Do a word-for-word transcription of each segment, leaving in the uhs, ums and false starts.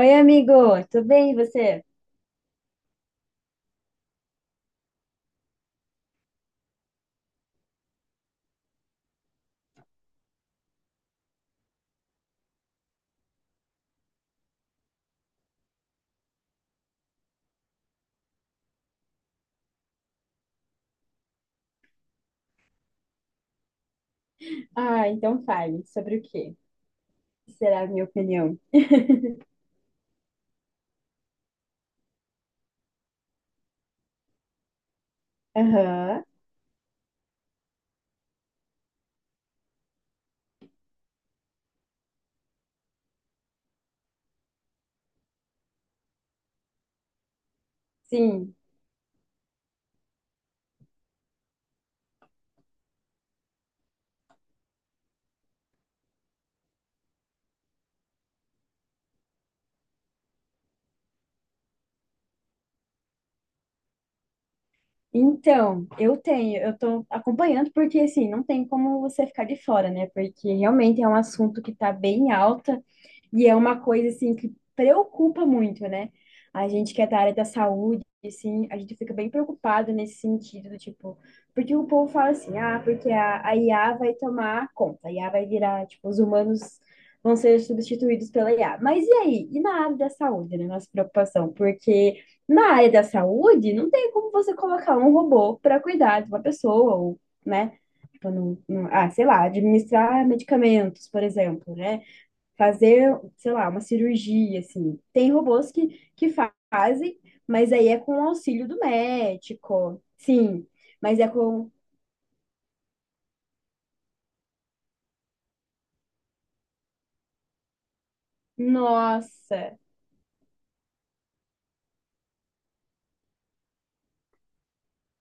Oi, amigo, tudo bem e você? Ah, então fale sobre o quê? Será a minha opinião? Aham, sim. Então, eu tenho, eu tô acompanhando porque assim, não tem como você ficar de fora, né? Porque realmente é um assunto que tá bem alta. E é uma coisa, assim, que preocupa muito, né? A gente que é da área da saúde, assim, a gente fica bem preocupado nesse sentido, do tipo, porque o povo fala assim, ah, porque a, a I A vai tomar conta, a I A vai virar, tipo, os humanos vão ser substituídos pela I A. Mas e aí? E na área da saúde, né? Nossa preocupação, porque na área da saúde não tem como você colocar um robô para cuidar de uma pessoa, ou, né? Tipo, não, não- ah, sei lá, administrar medicamentos, por exemplo, né? Fazer, sei lá, uma cirurgia, assim. Tem robôs que, que fa- fazem, mas aí é com o auxílio do médico. Sim, mas é com. Nossa!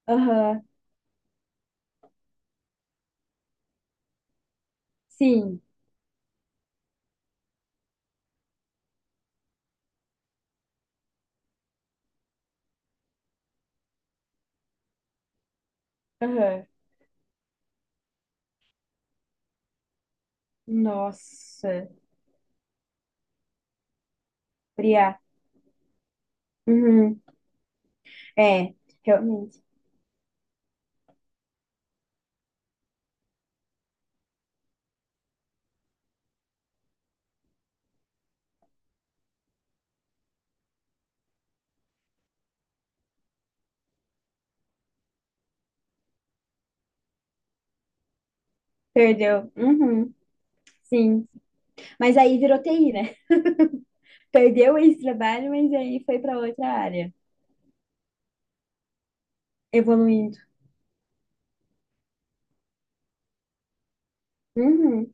Aham, sim, aham. Nossa, Priá. Uhum. É, realmente. Perdeu. Uhum. Sim. Mas aí virou T I, né? Perdeu esse trabalho, mas aí foi para outra área, evoluindo. Uhum.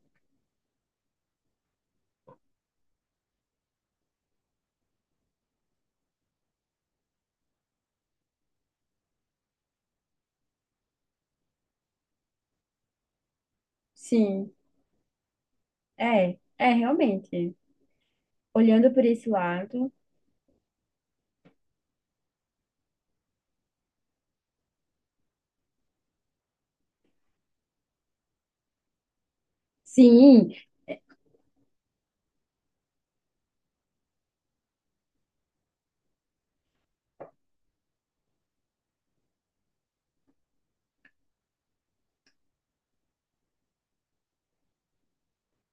Sim. É, é realmente. Olhando por esse lado, sim,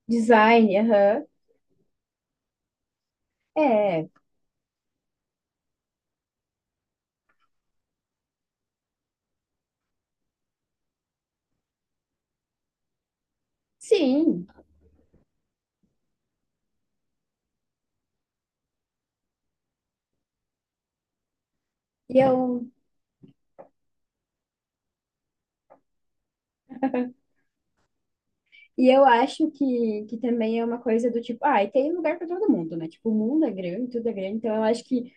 design, aham. É, sim. E eu, e eu acho que, que também é uma coisa do tipo, ah, e tem lugar para todo mundo, né? Tipo, o mundo é grande, tudo é grande. Então, eu acho que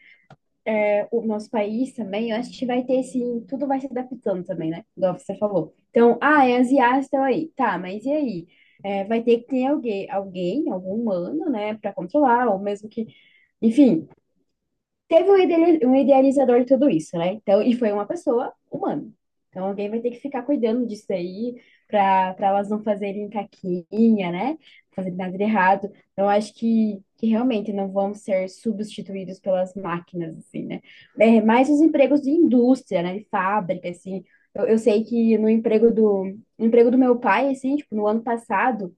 é, o nosso país também, eu acho que vai ter sim, tudo vai se adaptando também, né? Igual você falou. Então, ah, é asiático estão aí. Tá, mas e aí? É, vai ter que ter alguém, alguém, algum humano, né, para controlar, ou mesmo que, enfim. Teve um ideali- um idealizador de tudo isso, né? Então, e foi uma pessoa humana. Então, alguém vai ter que ficar cuidando disso aí para para elas não fazerem caquinha, né? Não fazerem nada de errado. Então, acho que, que realmente não vão ser substituídos pelas máquinas, assim, né? É, mais os empregos de indústria, né? De fábrica, assim. Eu, eu sei que no emprego do, no emprego do meu pai, assim, tipo, no ano passado,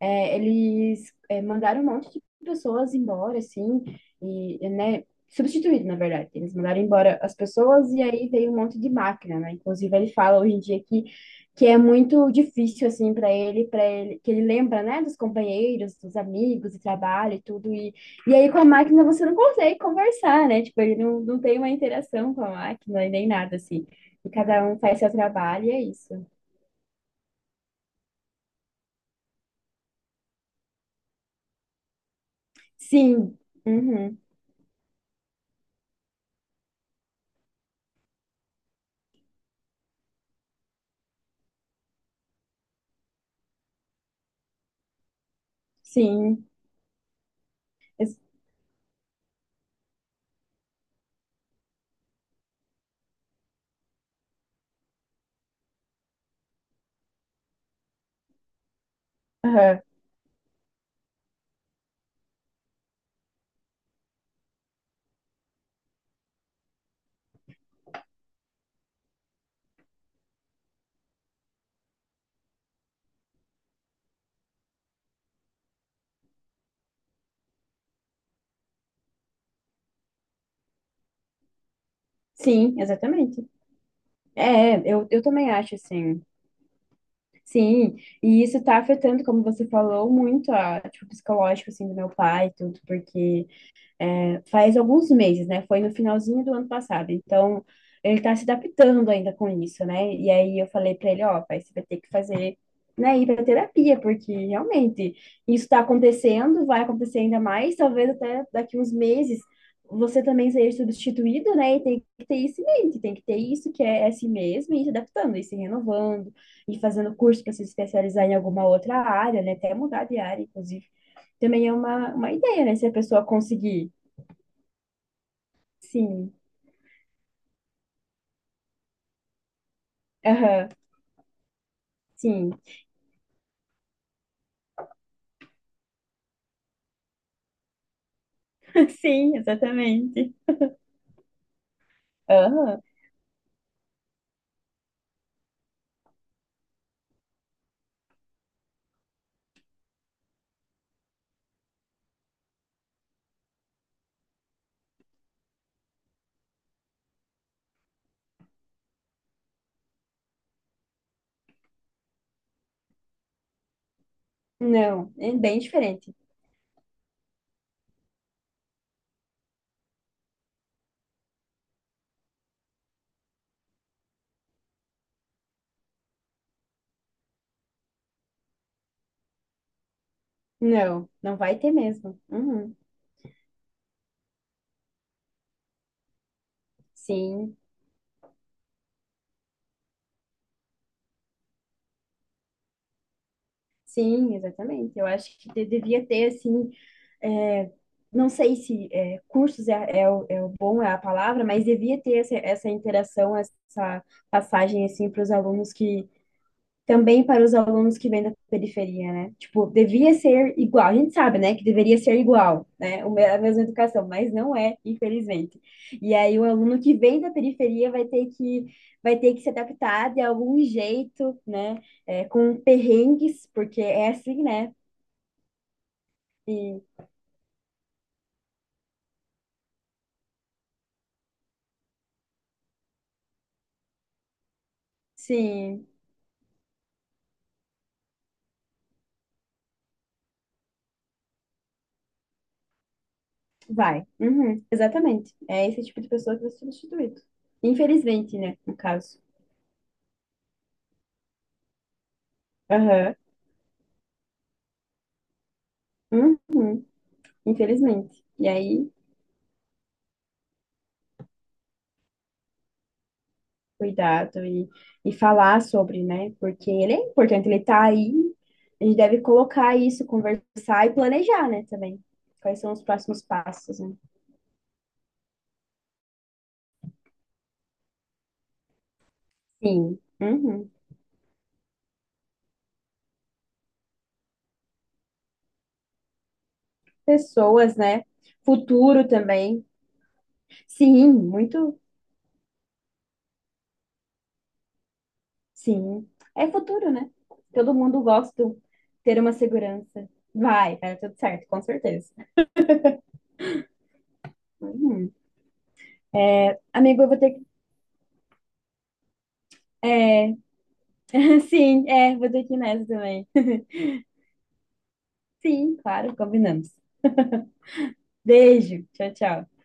é, eles é, mandaram um monte de pessoas embora, assim, e, e, né, substituído, na verdade. Eles mandaram embora as pessoas e aí veio um monte de máquina, né? Inclusive, ele fala hoje em dia que, que é muito difícil, assim, para ele, para ele, que ele lembra, né, dos companheiros, dos amigos, do trabalho e tudo. E, e aí, com a máquina, você não consegue conversar, né? Tipo, ele não, não tem uma interação com a máquina e nem nada, assim. E cada um faz seu trabalho e é isso. Sim, uhum, sim. Sim, exatamente. É, eu, eu também acho assim. Sim, e isso tá afetando, como você falou, muito a, tipo, psicológico, assim, do meu pai e tudo, porque faz alguns meses, né? Foi no finalzinho do ano passado. Então, ele tá se adaptando ainda com isso, né? E aí eu falei pra ele, ó, pai, você vai ter que fazer, né, ir pra terapia, porque realmente isso tá acontecendo, vai acontecer ainda mais, talvez até daqui uns meses você também seja substituído, né? E tem que ter isso em mente, tem que ter isso que é é assim mesmo, e se adaptando, e se renovando, e fazendo curso para se especializar em alguma outra área, né? Até mudar de área, inclusive. Também é uma, uma ideia, né? Se a pessoa conseguir. Sim, aham, sim, sim, exatamente. Aham, não, é bem diferente. Não, não vai ter mesmo. Uhum. Sim, sim, exatamente. Eu acho que de- devia ter, assim, é, não sei se é, cursos é, é, o, é o bom, é a palavra, mas devia ter essa, essa interação, essa passagem, assim, para os alunos que também para os alunos que vêm da periferia, né? Tipo, devia ser igual. A gente sabe, né, que deveria ser igual, né? o me- A mesma educação, mas não é, infelizmente. E aí o aluno que vem da periferia vai ter que vai ter que se adaptar de algum jeito, né? É, com perrengues, porque é assim, né? E sim, vai. Uhum, exatamente. É esse tipo de pessoa que vai ser substituído. Infelizmente, né, no caso. Aham. Uhum, infelizmente. E aí cuidado e, e falar sobre, né? Porque ele é importante, ele tá aí, a gente deve colocar isso, conversar e planejar, né, também. Quais são os próximos passos, né? Sim. Uhum. Pessoas, né? Futuro também. Sim, muito, sim. É futuro, né? Todo mundo gosta de ter uma segurança. Vai, vai dar tudo certo, com certeza. Uhum. Amigo, eu vou ter que... Sim, é, vou ter que ir nessa também. Sim, claro, combinamos. Beijo, tchau, tchau.